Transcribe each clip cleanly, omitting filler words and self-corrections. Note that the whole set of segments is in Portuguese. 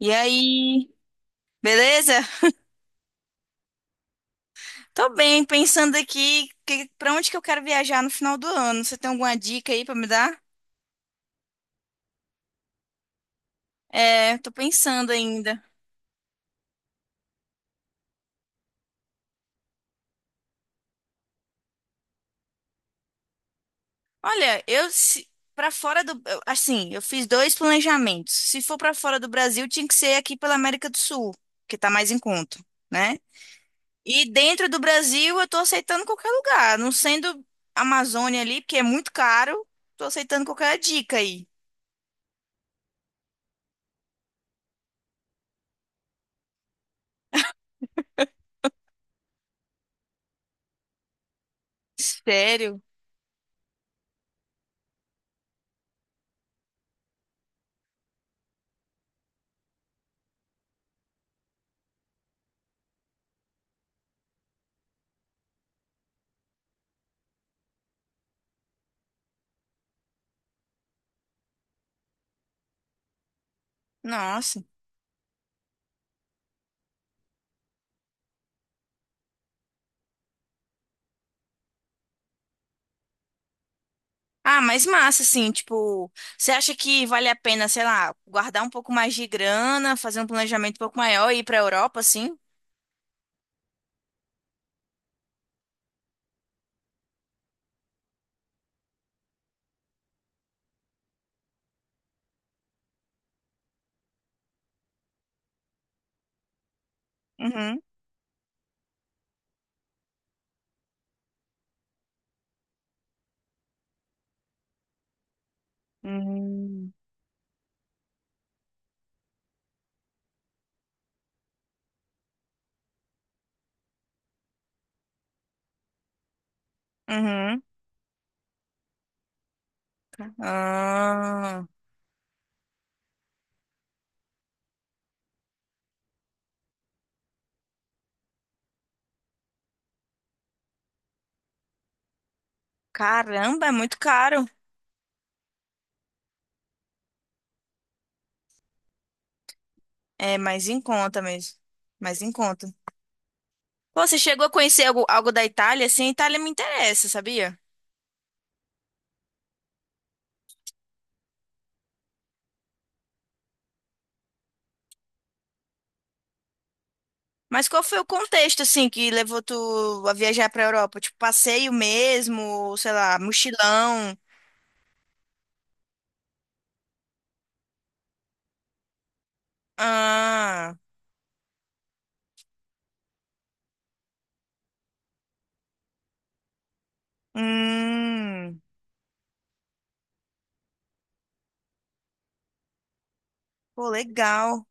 E aí, beleza? Tô bem, pensando aqui pra onde que eu quero viajar no final do ano. Você tem alguma dica aí pra me dar? É, tô pensando ainda. Olha, eu se, para fora do, eu- assim, eu fiz dois planejamentos. Se for pra fora do Brasil, tinha que ser aqui pela América do Sul, que tá mais em conta, né? E dentro do Brasil, eu tô aceitando qualquer lugar, não sendo Amazônia ali, porque é muito caro. Tô aceitando qualquer dica aí. Sério? Nossa. Ah, mas massa, assim, tipo, você acha que vale a pena, sei lá, guardar um pouco mais de grana, fazer um planejamento um pouco maior e ir pra Europa, assim? Uhum. Hum. Uhum. Ah, caramba, é muito caro. É mais em conta mesmo. Mais em conta. Pô, você chegou a conhecer algo da Itália? Assim, a Itália me interessa, sabia? Mas qual foi o contexto, assim, que levou tu a viajar pra Europa? Tipo, passeio mesmo, sei lá, mochilão? Ah. Hum, pô, legal.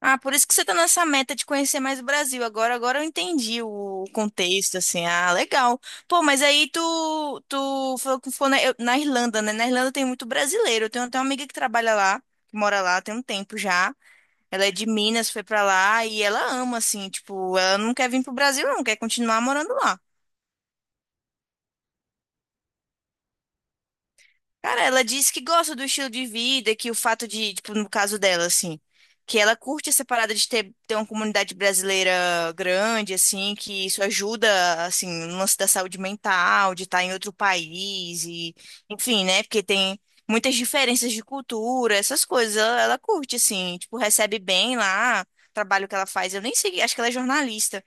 Ah, por isso que você tá nessa meta de conhecer mais o Brasil. Agora eu entendi o contexto, assim. Ah, legal. Pô, mas aí tu falou que foi na Irlanda, né? Na Irlanda tem muito brasileiro. Eu tenho até uma amiga que trabalha lá, que mora lá, tem um tempo já. Ela é de Minas, foi pra lá e ela ama, assim, tipo, ela não quer vir pro Brasil, não, quer continuar morando lá. Cara, ela diz que gosta do estilo de vida, que o fato de, tipo, no caso dela, assim, que ela curte essa parada de ter uma comunidade brasileira grande, assim, que isso ajuda, assim, no lance da saúde mental, de estar em outro país e, enfim, né? Porque tem muitas diferenças de cultura, essas coisas. Ela curte, assim, tipo, recebe bem lá, o trabalho que ela faz. Eu nem sei, acho que ela é jornalista.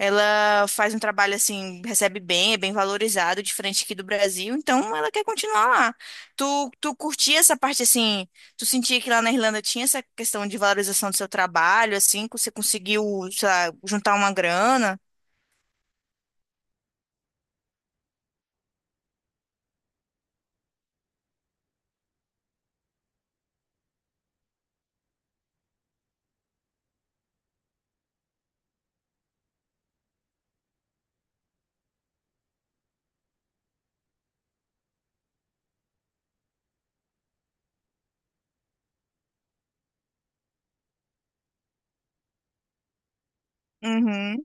Ela faz um trabalho assim, recebe bem, é bem valorizado, diferente aqui do Brasil, então ela quer continuar lá. Tu curtia essa parte assim, tu sentia que lá na Irlanda tinha essa questão de valorização do seu trabalho, assim, que você conseguiu, sei lá, juntar uma grana? Uhum,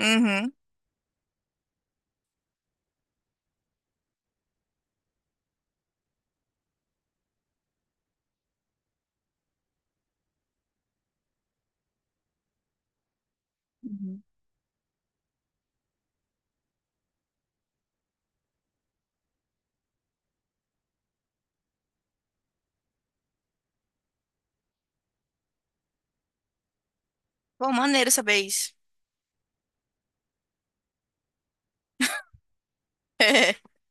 uhum. Pô, maneiro saber isso.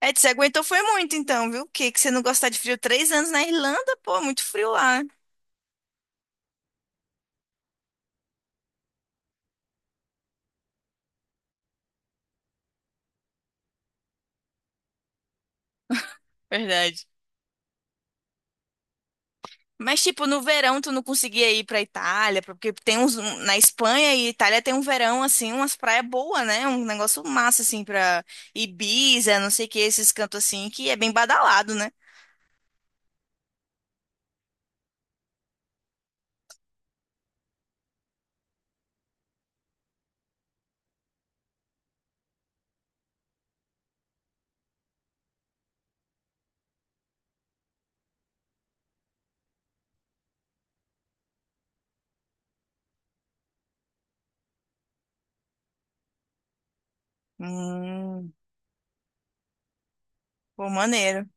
É, você aguentou foi muito então, viu? O que que você não gostar de frio? 3 anos na Irlanda, pô, muito frio lá. Verdade. Mas, tipo, no verão tu não conseguia ir pra Itália, porque na Espanha e Itália tem um verão, assim, umas praias boas, né? Um negócio massa, assim, pra Ibiza, não sei o que, esses cantos assim, que é bem badalado, né? Hum, pô, maneiro.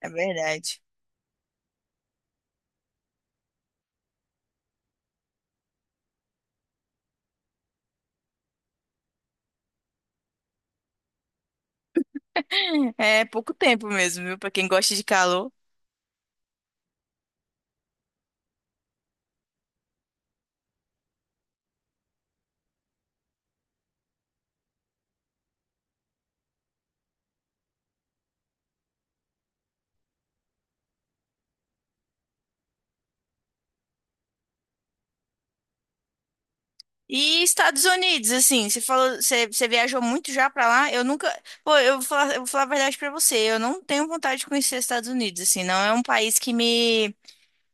É verdade. É pouco tempo mesmo, viu? Pra quem gosta de calor. E Estados Unidos, assim, você falou, você viajou muito já pra lá? Eu nunca, pô, eu vou falar a verdade pra você, eu não tenho vontade de conhecer os Estados Unidos, assim, não é um país que me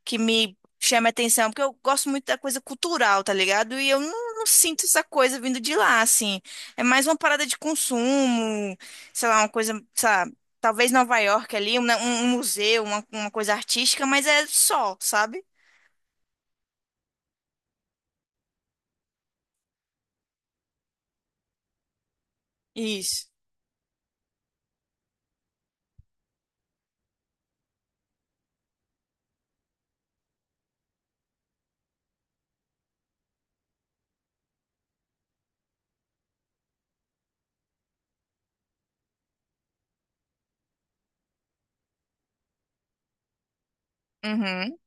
chama a atenção, porque eu gosto muito da coisa cultural, tá ligado? E eu não sinto essa coisa vindo de lá, assim. É mais uma parada de consumo, sei lá, uma coisa, sei lá, talvez Nova York ali, um museu, uma coisa artística, mas é só, sabe? Isso. Uhum.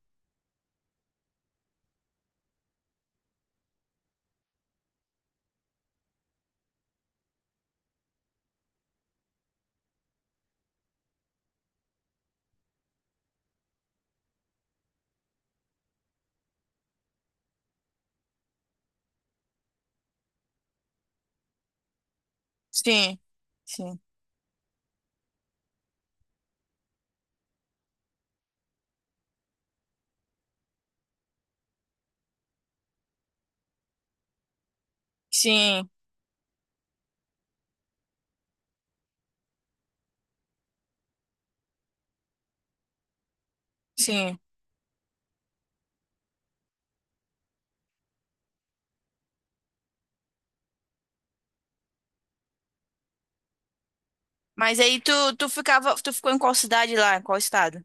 Sim, sim, sim, sim. Mas aí tu ficou em qual cidade lá, em qual estado?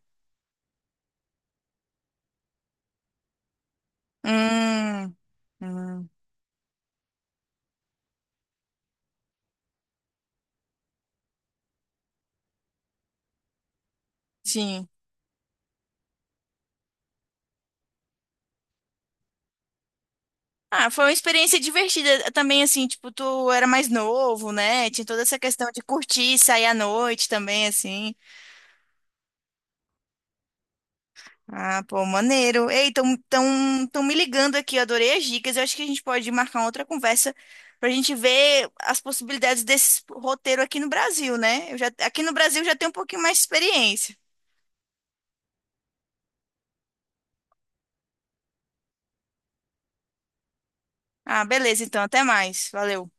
Hum, hum, sim. Ah, foi uma experiência divertida também, assim, tipo, tu era mais novo, né? Tinha toda essa questão de curtir, sair à noite também, assim. Ah, pô, maneiro. Ei, tão me ligando aqui, eu adorei as dicas. Eu acho que a gente pode marcar uma outra conversa pra gente ver as possibilidades desse roteiro aqui no Brasil, né? Aqui no Brasil eu já tenho um pouquinho mais de experiência. Ah, beleza, então, até mais. Valeu.